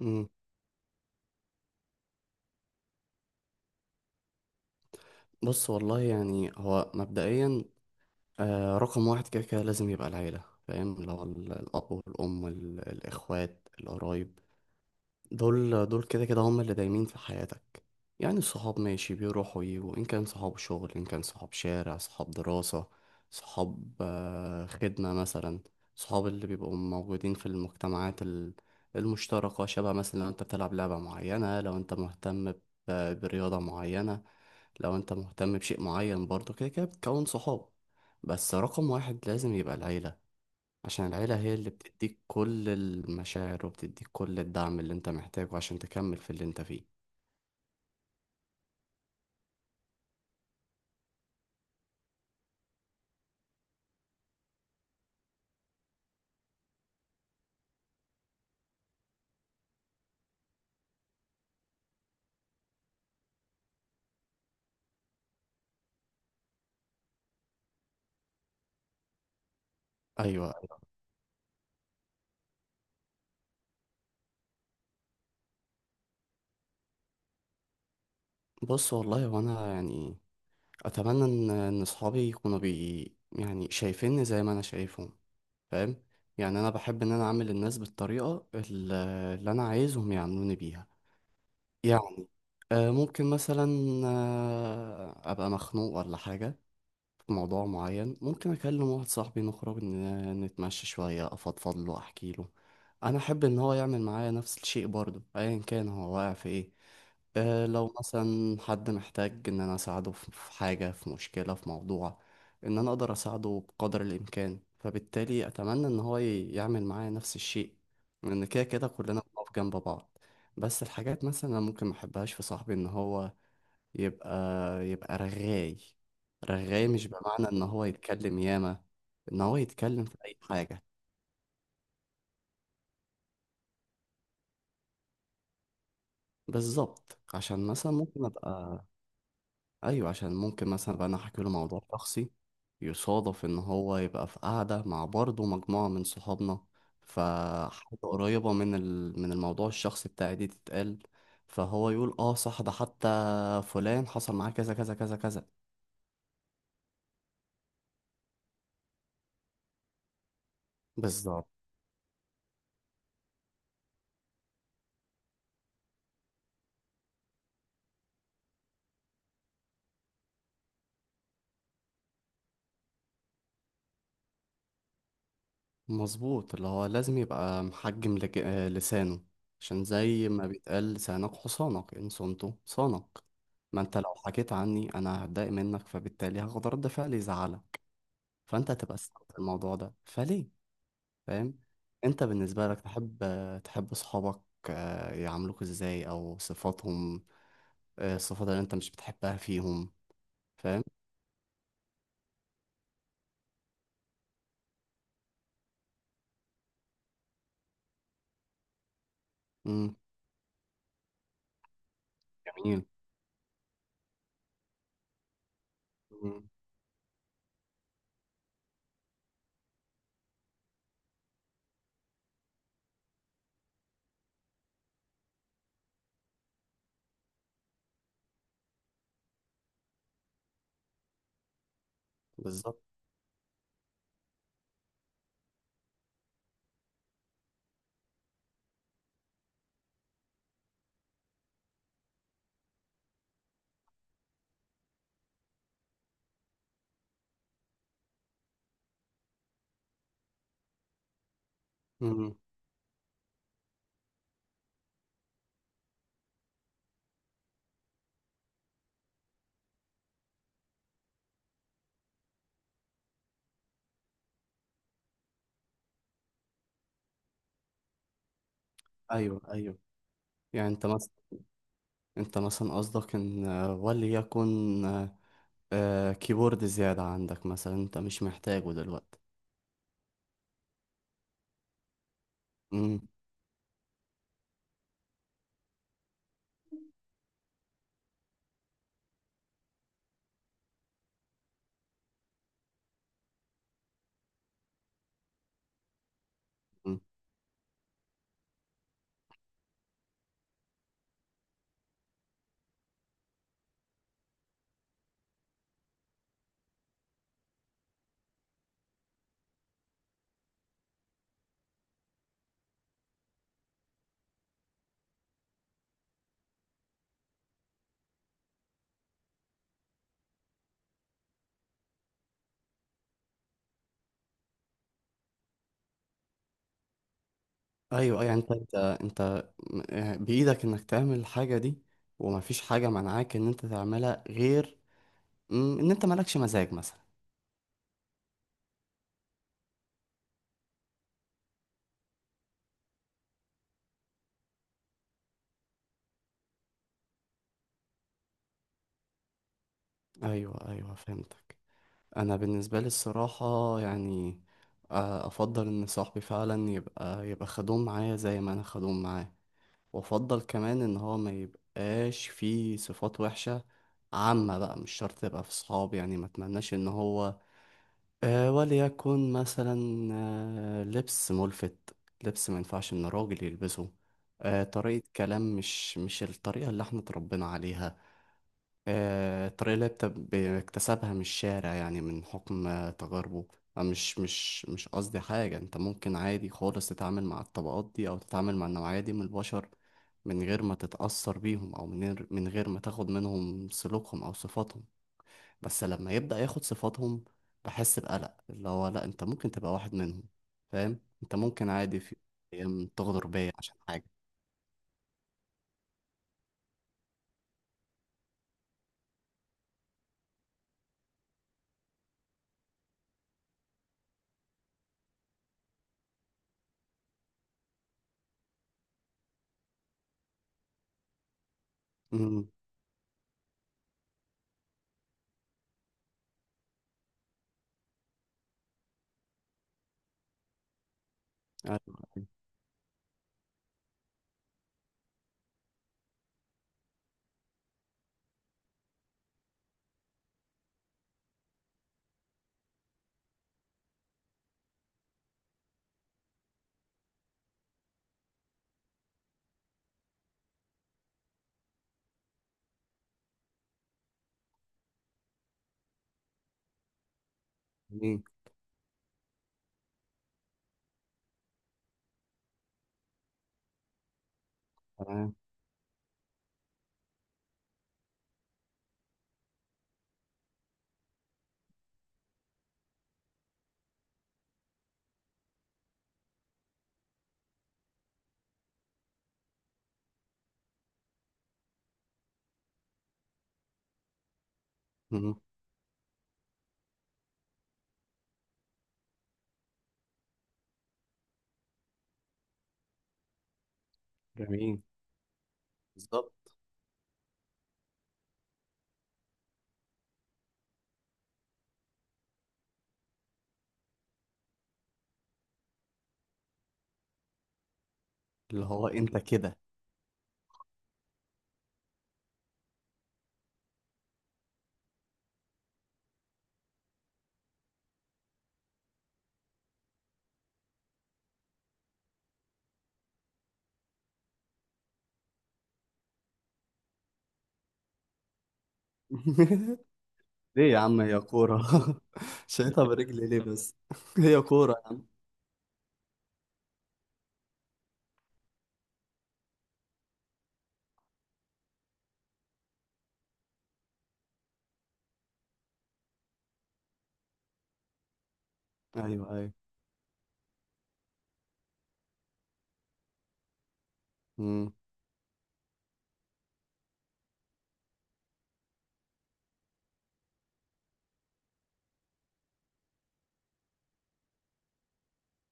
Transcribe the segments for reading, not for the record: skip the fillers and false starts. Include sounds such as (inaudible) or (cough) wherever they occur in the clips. مم. بص والله يعني هو مبدئيا رقم واحد كده كده لازم يبقى العيلة، فاهم، اللي هو الأب والأم الإخوات القرايب، دول دول كده كده هم اللي دايمين في حياتك. يعني الصحاب ماشي بيروحوا ويجوا، إن كان صحاب شغل إن كان صحاب شارع صحاب دراسة صحاب خدمة مثلا، صحاب اللي بيبقوا موجودين في المجتمعات المشتركة، شبه مثلا لو أنت بتلعب لعبة معينة، لو أنت مهتم برياضة معينة، لو انت مهتم بشيء معين، برضه كده كده بتكون صحاب. بس رقم واحد لازم يبقى العيلة، عشان العيلة هي اللي بتديك كل المشاعر وبتديك كل الدعم اللي انت محتاجه عشان تكمل في اللي انت فيه. ايوه. بص والله وانا يعني اتمنى ان صحابي يكونوا بي، يعني شايفيني زي ما انا شايفهم، فاهم. يعني انا بحب ان انا اعمل الناس بالطريقة اللي انا عايزهم يعاملوني بيها. يعني ممكن مثلا ابقى مخنوق ولا حاجة في موضوع معين، ممكن أكلم واحد صاحبي نخرج نتمشى شوية أفضفض له أحكي له. أنا أحب إن هو يعمل معايا نفس الشيء برضه، أيا كان هو واقع في إيه. أه لو مثلا حد محتاج إن أنا أساعده في حاجة، في مشكلة، في موضوع، إن أنا أقدر أساعده بقدر الإمكان، فبالتالي أتمنى إن هو يعمل معايا نفس الشيء، لأن كده كده كلنا بنقف جنب بعض. بس الحاجات مثلا أنا ممكن محبهاش في صاحبي إن هو يبقى يبقى رغاي. رغاي مش بمعنى ان هو يتكلم ياما، ان هو يتكلم في اي حاجة. بالظبط، عشان مثلا ممكن ابقى، ايوه، عشان ممكن مثلا ابقى انا احكي له موضوع شخصي، يصادف ان هو يبقى في قعدة مع برضه مجموعة من صحابنا، فحاجة قريبة من من الموضوع الشخصي بتاعي دي تتقال، فهو يقول اه صح ده حتى فلان حصل معاه كذا كذا كذا كذا. بالظبط. مظبوط، اللي هو لازم يبقى محجم لج... آه، لسانه، عشان زي ما بيتقال لسانك حصانك إن صنته صانك. ما انت لو حكيت عني انا هتضايق منك، فبالتالي هاخد رد فعل يزعلك، فانت هتبقى استوعبت الموضوع ده فليه. فاهم. انت بالنسبة لك تحب، تحب صحابك يعاملوك ازاي، او صفاتهم، الصفات اللي انت مش بتحبها فيهم. فاهم. مم، جميل. مم، بالظبط. مم، ايوه ايوه. يعني انت مثلا قصدك ان آه، وليكن آه، آه، كيبورد زيادة عندك مثلا، انت مش محتاجه دلوقتي. مم، مم. ايوه ايوه. يعني انت بايدك انك تعمل الحاجة دي، ومفيش حاجة منعاك ان انت تعملها غير ان انت مالكش مزاج مثلا. ايوه ايوه، فهمتك. انا بالنسبة لي الصراحة يعني افضل ان صاحبي فعلا يبقى خدوم معايا زي ما انا خدوم معاه، وافضل كمان ان هو ما يبقاش فيه صفات وحشة عامة. بقى مش شرط تبقى في صحاب، يعني ما اتمناش ان هو آه وليكن مثلا آه لبس ملفت، لبس ما ينفعش ان راجل يلبسه. طريقة كلام مش الطريقة اللي احنا اتربينا عليها، الطريقة اللي بيكتسبها من الشارع، يعني من حكم تجاربه. مش قصدي حاجة، انت ممكن عادي خالص تتعامل مع الطبقات دي او تتعامل مع النوعية دي من البشر من غير ما تتأثر بيهم، او من غير ما تاخد منهم سلوكهم او صفاتهم. بس لما يبدأ ياخد صفاتهم بحس بقلق، اللي هو لا، انت ممكن تبقى واحد منهم. فاهم، انت ممكن عادي في ايام تغدر بيا عشان حاجة. امم، ايوه. أيوة. جميل. تمام. مم. جميل. بالظبط، اللي هو انت كده. (laughs) ليه يا عم هي كورة. (laughs) شايطها برجلي ليه بس، (laughs) هي كورة. ايوه ايوه. امم.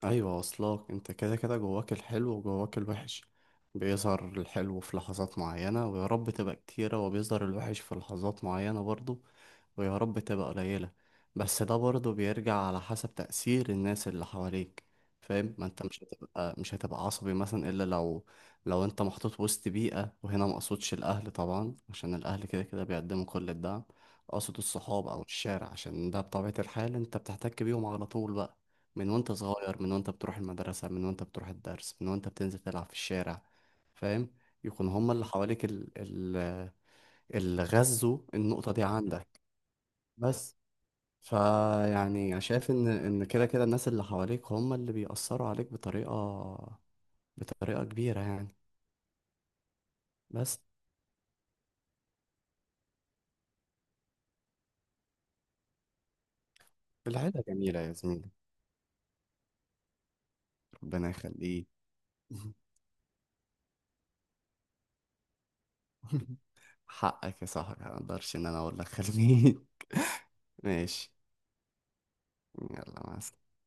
ايوه، واصلاك انت كده كده جواك الحلو وجواك الوحش، بيظهر الحلو في لحظات معينة ويا رب تبقى كتيرة، وبيظهر الوحش في لحظات معينة برضو ويا رب تبقى قليلة. بس ده برضه بيرجع على حسب تأثير الناس اللي حواليك. فاهم، ما انت مش هتبقى عصبي مثلا الا لو، لو انت محطوط وسط بيئة، وهنا ما اقصدش الاهل طبعا عشان الاهل كده كده بيقدموا كل الدعم، اقصد الصحاب او الشارع، عشان ده بطبيعة الحال انت بتحتك بيهم على طول بقى، من وانت صغير، من وانت بتروح المدرسة، من وانت بتروح الدرس، من وانت بتنزل تلعب في الشارع. فاهم، يكون هما اللي حواليك اللي غذوا النقطة دي عندك. بس، فيعني شايف ان كده كده الناس اللي حواليك هم اللي بيأثروا عليك بطريقة كبيرة يعني. بس. العيلة جميلة يا زميلي. ربنا يخليك. (laughs) حقك يا صاحبي، ما اقدرش ان انا اقول لك خليك. (laughs) ماشي. يلا، مع السلامة.